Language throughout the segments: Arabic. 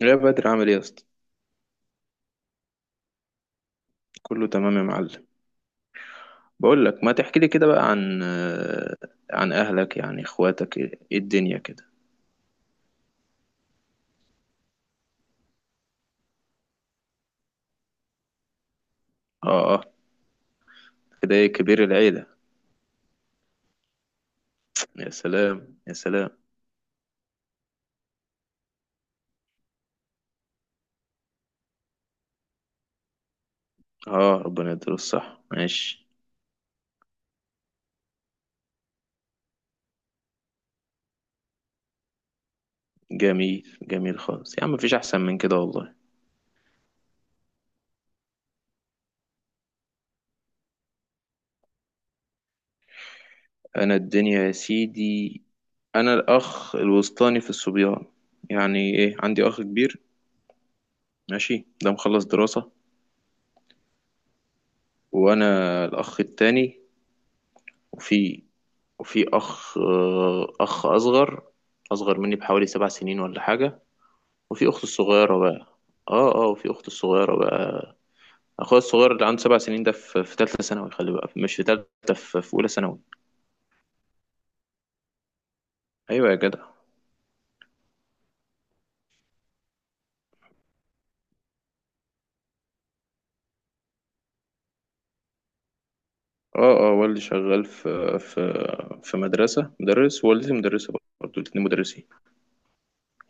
يا بدر عامل ايه يا اسطى؟ كله تمام يا معلم. بقول لك ما تحكي لي كده بقى عن عن اهلك، يعني اخواتك ايه، إيه الدنيا كده؟ اه اه. كده ايه، كبير العيلة؟ يا سلام يا سلام. اه، ربنا يديله الصحة، ماشي. جميل جميل خالص يا عم، مفيش احسن من كده والله. انا الدنيا يا سيدي، انا الاخ الوسطاني في الصبيان، يعني ايه، عندي اخ كبير، ماشي، ده مخلص دراسة. وانا الاخ التاني. وفي وفي أخ أخ أصغر، أصغر مني بحوالي 7 سنين ولا حاجة. وفي أخت الصغيرة بقى. اه اه، وفي أخت الصغيرة بقى. أخويا الصغير اللي عنده 7 سنين ده في تالتة ثانوي، خلي بقى، مش في تالتة، في أولى ثانوي. أيوة يا جدع. اه اه، والدي شغال في في مدرسة مدرس، ووالدتي مدرسة، برضه الاتنين مدرسين.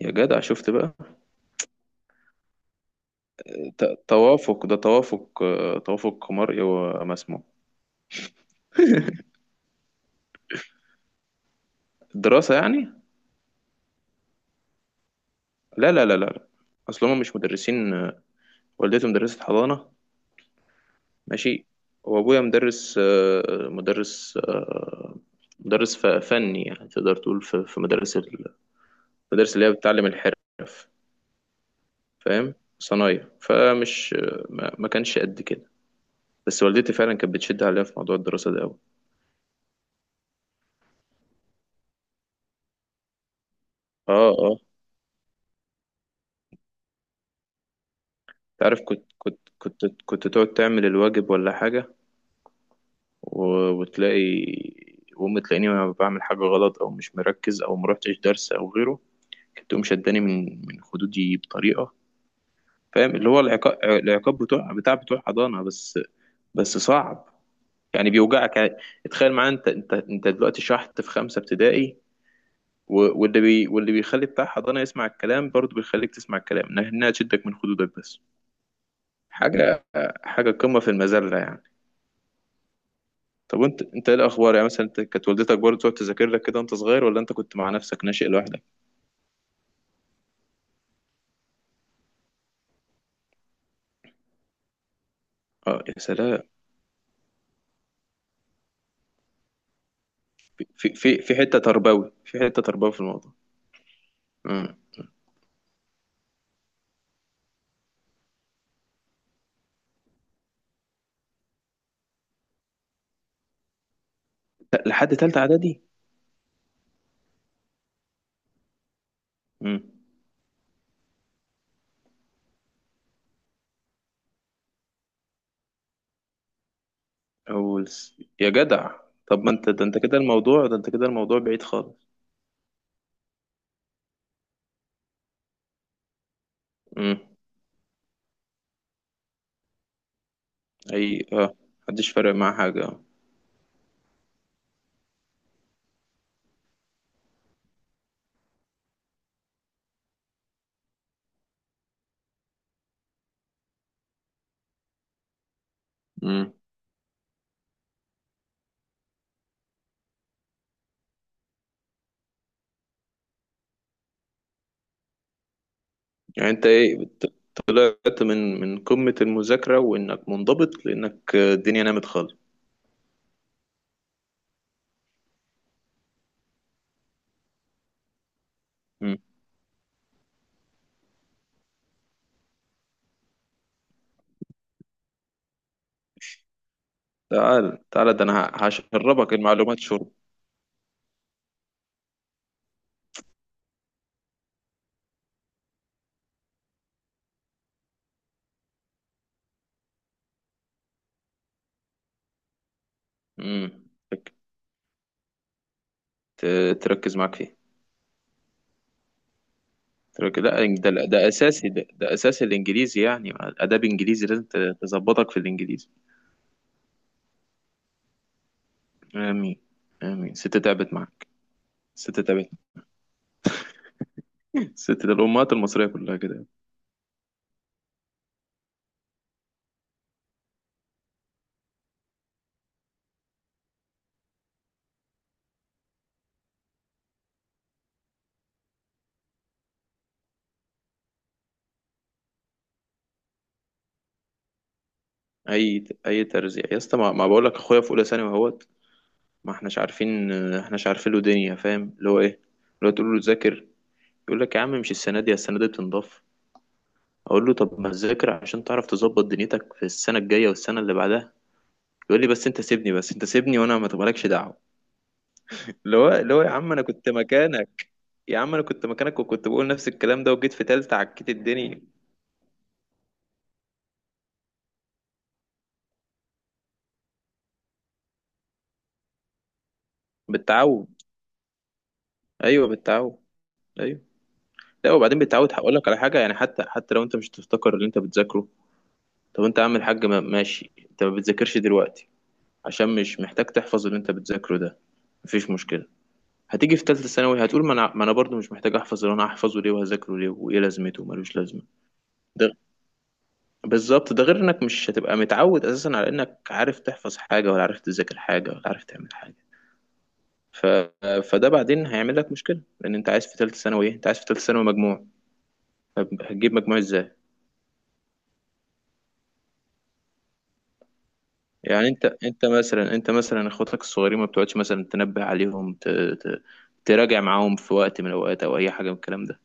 يا جدع شفت بقى. توافق، ده توافق، توافق مرئي ومسموع. الدراسة يعني. لا لا لا لا لا. اصل هما مش مدرسين، والدتي مدرسة حضانة، ماشي، وابويا مدرس، مدرس، مدرس فني، يعني تقدر تقول في مدارس ال-، المدارس اللي هي بتعلم الحرف. فاهم، صنايع، فمش ما كانش قد كده. بس والدتي فعلا كانت بتشد عليا في موضوع الدراسة ده قوي. اه اه. انت عارف، كنت تقعد تعمل الواجب ولا حاجة، وتلاقي، وأمي تلاقيني وأنا بعمل حاجة غلط أو مش مركز أو مروحتش درس أو غيره، كانت تقوم شداني من خدودي بطريقة. فاهم، اللي هو العقاب، العقاب بتوع بتاع بتوع حضانه بس، بس صعب يعني، بيوجعك يعني. تخيل معايا، انت دلوقتي شحت في خمسه ابتدائي، واللي بيخلي بتاع حضانه يسمع الكلام، برضه بيخليك تسمع الكلام، إنها تشدك من خدودك بس. حاجه، حاجه قمه في المذله يعني. طب انت، ايه الاخبار يعني؟ مثلا انت كانت والدتك برضه تقعد تذاكر لك كده وانت صغير، ولا انت كنت مع نفسك ناشئ لوحدك؟ اه يا سلام. في حته تربوي، في حته تربوي في الموضوع. امم. لحد تالته اعدادي. امم. أول س... يا جدع. طب ما انت، ده انت كده الموضوع، ده انت كده الموضوع بعيد خالص. امم. اي اه. محدش فارق معاه حاجة. امم. يعني انت ايه، طلعت من قمة المذاكرة وانك منضبط لانك الدنيا نامت خالص؟ امم. تعال تعال، ده انا هشربك المعلومات شرب. امم. تك- تركز معاك فيه. تركز، لا ده لا، ده اساسي، ده، ده اساسي الانجليزي، يعني اداب انجليزي لازم تظبطك في الانجليزي. امين. امين، ست تعبت معاك. ست تعبت. ست ده، الامهات المصريه كلها كده. اي اي ترزيع يا اسطى، ما بقول لك اخويا في اولى ثانوي اهوت، ما احناش عارفين، احناش عارفين له دنيا، فاهم اللي هو ايه، اللي هو تقول له ذاكر، يقول لك يا عم مش السنه دي، السنه دي بتنضاف. اقول له طب ما تذاكر عشان تعرف تظبط دنيتك في السنه الجايه والسنه اللي بعدها. يقول لي بس انت سيبني، بس انت سيبني، وانا ما تبقالكش دعوه. اللي هو، يا عم انا كنت مكانك، يا عم انا كنت مكانك وكنت بقول نفس الكلام ده، وجيت في تالتة عكيت الدنيا. بالتعود، ايوه بالتعود. لا، وبعدين بتعود، هقول لك على حاجه، يعني حتى، حتى لو انت مش تفتكر اللي انت بتذاكره، طب انت عامل حاجه، ماشي، انت ما بتذاكرش دلوقتي عشان مش محتاج تحفظ اللي انت بتذاكره ده، مفيش مشكله. هتيجي في ثالثه ثانوي هتقول ما انا، برضه مش محتاج احفظ اللي انا هحفظه ليه، وهذاكره ليه، وايه لازمته، وملوش لازمه. ده بالظبط، ده غير انك مش هتبقى متعود اساسا على انك عارف تحفظ حاجه، ولا عارف تذاكر حاجه، ولا عارف تعمل حاجه. ف... فده بعدين هيعمل لك مشكله، لان انت عايز في ثالثه ثانوي ايه، انت عايز في ثالثه ثانوي مجموع. طب هتجيب مجموع ازاي؟ يعني انت، مثلا، اخواتك الصغيرين، ما بتقعدش مثلا تنبه عليهم، تراجع معاهم في وقت من الاوقات او اي حاجه من الكلام ده؟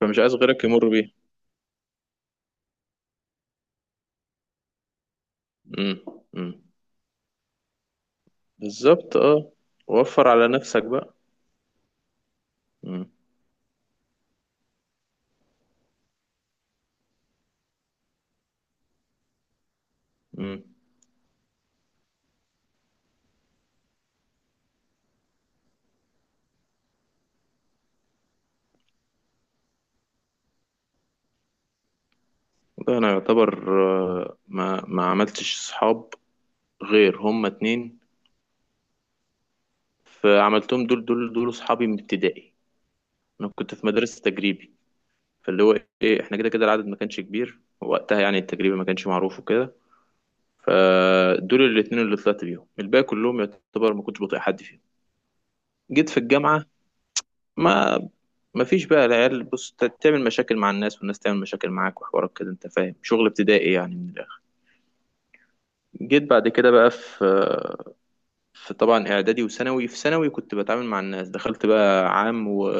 فمش عايز غيرك يمر بيه. امم. امم، بالظبط اه، وفر على نفسك بقى. امم. امم ده انا يعتبر ما عملتش صحاب غير هما اتنين، فعملتهم دول، دول دول صحابي من ابتدائي. انا كنت في مدرسه تجريبي، فاللي هو ايه، احنا كده كده العدد ما كانش كبير وقتها، يعني التجريبي ما كانش معروف وكده. فدول الاتنين اللي طلعت بيهم، الباقي كلهم يعتبر ما كنتش بطيق حد فيهم. جيت في الجامعة، ما ما فيش بقى العيال، بص، تعمل مشاكل مع الناس والناس تعمل مشاكل معاك وحوارات كده، انت فاهم، شغل ابتدائي يعني من الاخر. جيت بعد كده بقى في، في طبعا اعدادي وثانوي. في ثانوي كنت بتعامل مع الناس، دخلت بقى عام، و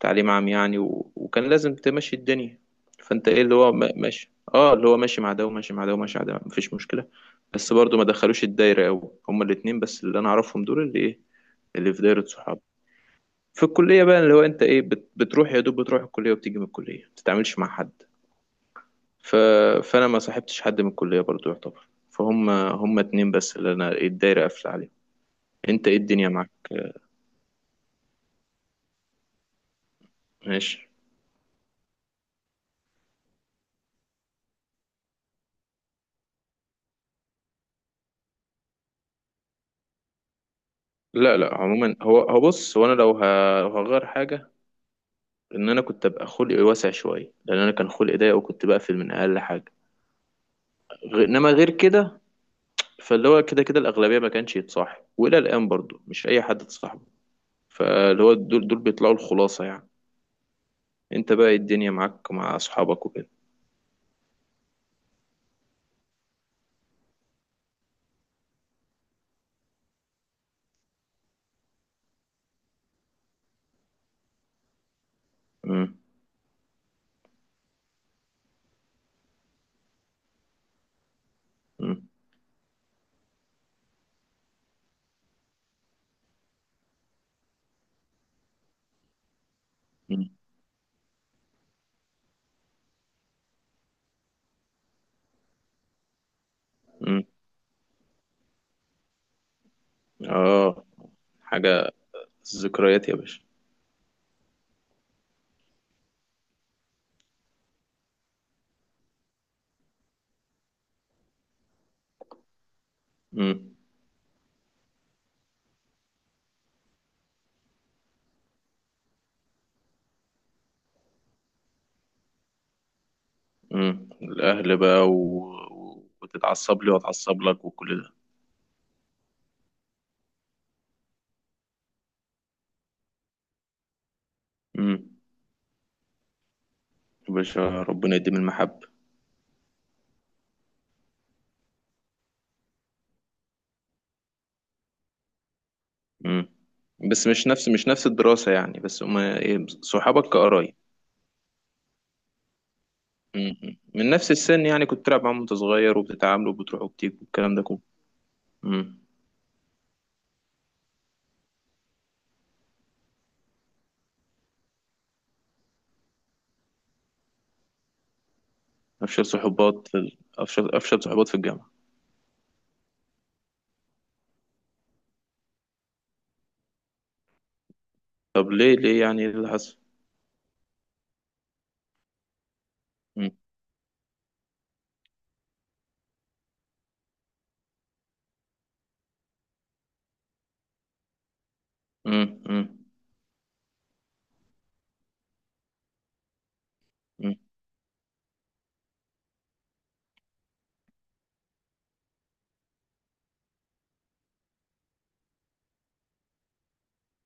تعليم عام يعني، وكان لازم تمشي الدنيا. فانت ايه، اللي هو ماشي، اه اللي هو ماشي مع ده، وماشي مع ده، وماشي مع ده، مفيش مشكله. بس برضو ما دخلوش الدايره قوي. هما الاتنين بس اللي انا اعرفهم، دول اللي ايه، اللي في دايره صحاب. في الكليه بقى، اللي هو انت ايه، بتروح يا دوب، بتروح الكليه وبتيجي من الكليه، ما بتتعاملش مع حد. ف... فانا ما صاحبتش حد من الكليه برضو يعتبر، فهم هم اتنين بس اللي انا إيه، الدايره قافله عليهم. انت ايه الدنيا معاك؟ ماشي. لا لا، عموما هو، هو بص، هو انا لو لو هغير حاجه، ان انا كنت ابقى خلقي واسع شويه، لان انا كان خلقي ضيق وكنت بقفل من اقل حاجه. انما غير كده فاللي هو كده كده الاغلبيه ما كانش يتصاحب، والى الان برضو مش اي حد تصاحبه، فاللي هو دول، دول بيطلعوا الخلاصه يعني. انت بقى إيه الدنيا معاك مع اصحابك وكده؟ امم. امم. امم. أمم. اه، حاجه، ذكريات يا باشا. امم. امم، الاهل بقى و...، وتتعصب لي واتعصب لك وكل ده. امم. يا باشا ربنا يديم المحبه. مم. بس مش نفس، مش نفس الدراسة يعني، بس هما إيه، صحابك كقرايب. مم. من نفس السن يعني، كنت تلعب معاهم وأنت صغير، وبتتعاملوا وبتروحوا وبتيجوا والكلام ده كله. مم. أفشل صحوبات في ال...، أفشل، أفشل صحوبات في الجامعة. طب ليه، ليه يعني، إيه اللي حصل؟ مم. مم. مم. مم.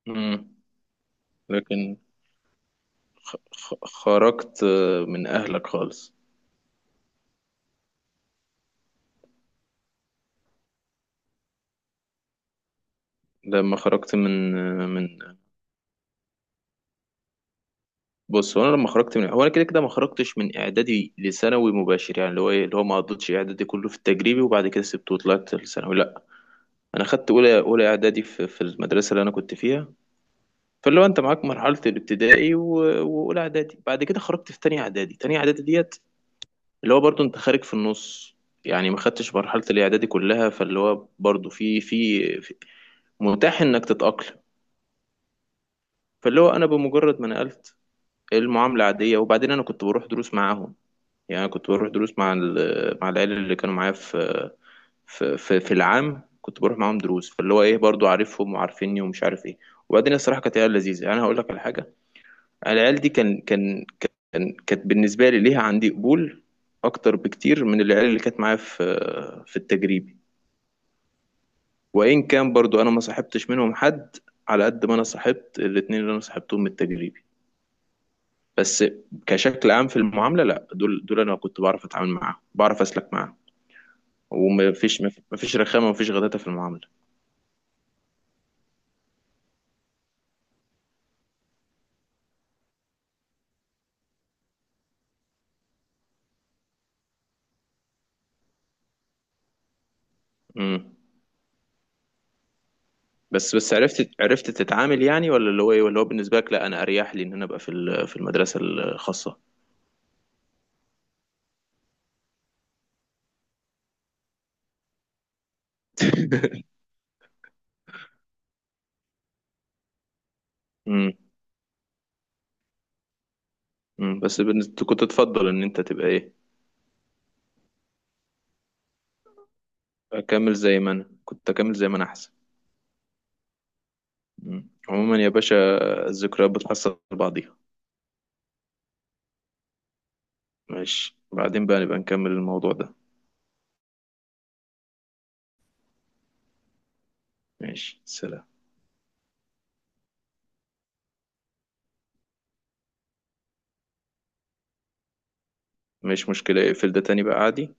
مم. لكن خرجت من أهلك خالص. لما خرجت من من، بص هو انا لما خرجت من، هو انا كده كده ما خرجتش من اعدادي لثانوي مباشر، يعني اللي هو ايه، اللي هو ما قضيتش اعدادي كله في التجريبي وبعد كده سبته وطلعت لثانوي، لا. انا خدت اولى، اولى اعدادي في المدرسه اللي انا كنت فيها، فاللي هو انت معاك مرحله الابتدائي واولى اعدادي، بعد كده خرجت في تانية اعدادي، تانية اعدادي ديت، اللي هو برضو انت خارج في النص، يعني ما خدتش مرحله الاعدادي كلها، فاللي هو برضو متاح انك تتاقلم. فاللي هو انا بمجرد ما نقلت، المعامله عاديه، وبعدين انا كنت بروح دروس معاهم. يعني أنا كنت بروح دروس مع ال-، مع العيال اللي كانوا معايا في العام، كنت بروح معاهم دروس، فاللي هو ايه، برضو عارفهم وعارفيني ومش عارف ايه، وبعدين الصراحه كانت عيال لذيذه، يعني انا هقول لك على حاجه، العيال دي كانت بالنسبه لي ليها عندي قبول اكتر بكتير من العيال اللي كانت معايا في التجريبي، وان كان برضو انا ما صاحبتش منهم حد، على قد ما انا صاحبت الاتنين اللي انا صاحبتهم من التجريبي، بس كشكل عام في المعامله لا، دول، دول انا كنت بعرف اتعامل معاهم، بعرف اسلك معاهم، ومفيش، مفيش رخامة، مفيش غداتة في المعاملة. امم. بس، بس عرفت، عرفت تتعامل يعني، ولا اللي هو ايه، ولا هو بالنسبة لك لا انا اريح لي ان انا ابقى في ال-، في المدرسة الخاصة. امم. امم، بس بالنسبة كنت تفضل ان انت تبقى ايه. اكمل زي ما انا كنت، اكمل زي ما انا احسن. امم، عموما يا باشا، الذكريات بتحصل بعضيها. ماشي، بعدين بقى نبقى نكمل الموضوع ده. ماشي سلام. مش مشكلة، اقفل ده تاني بقى عادي.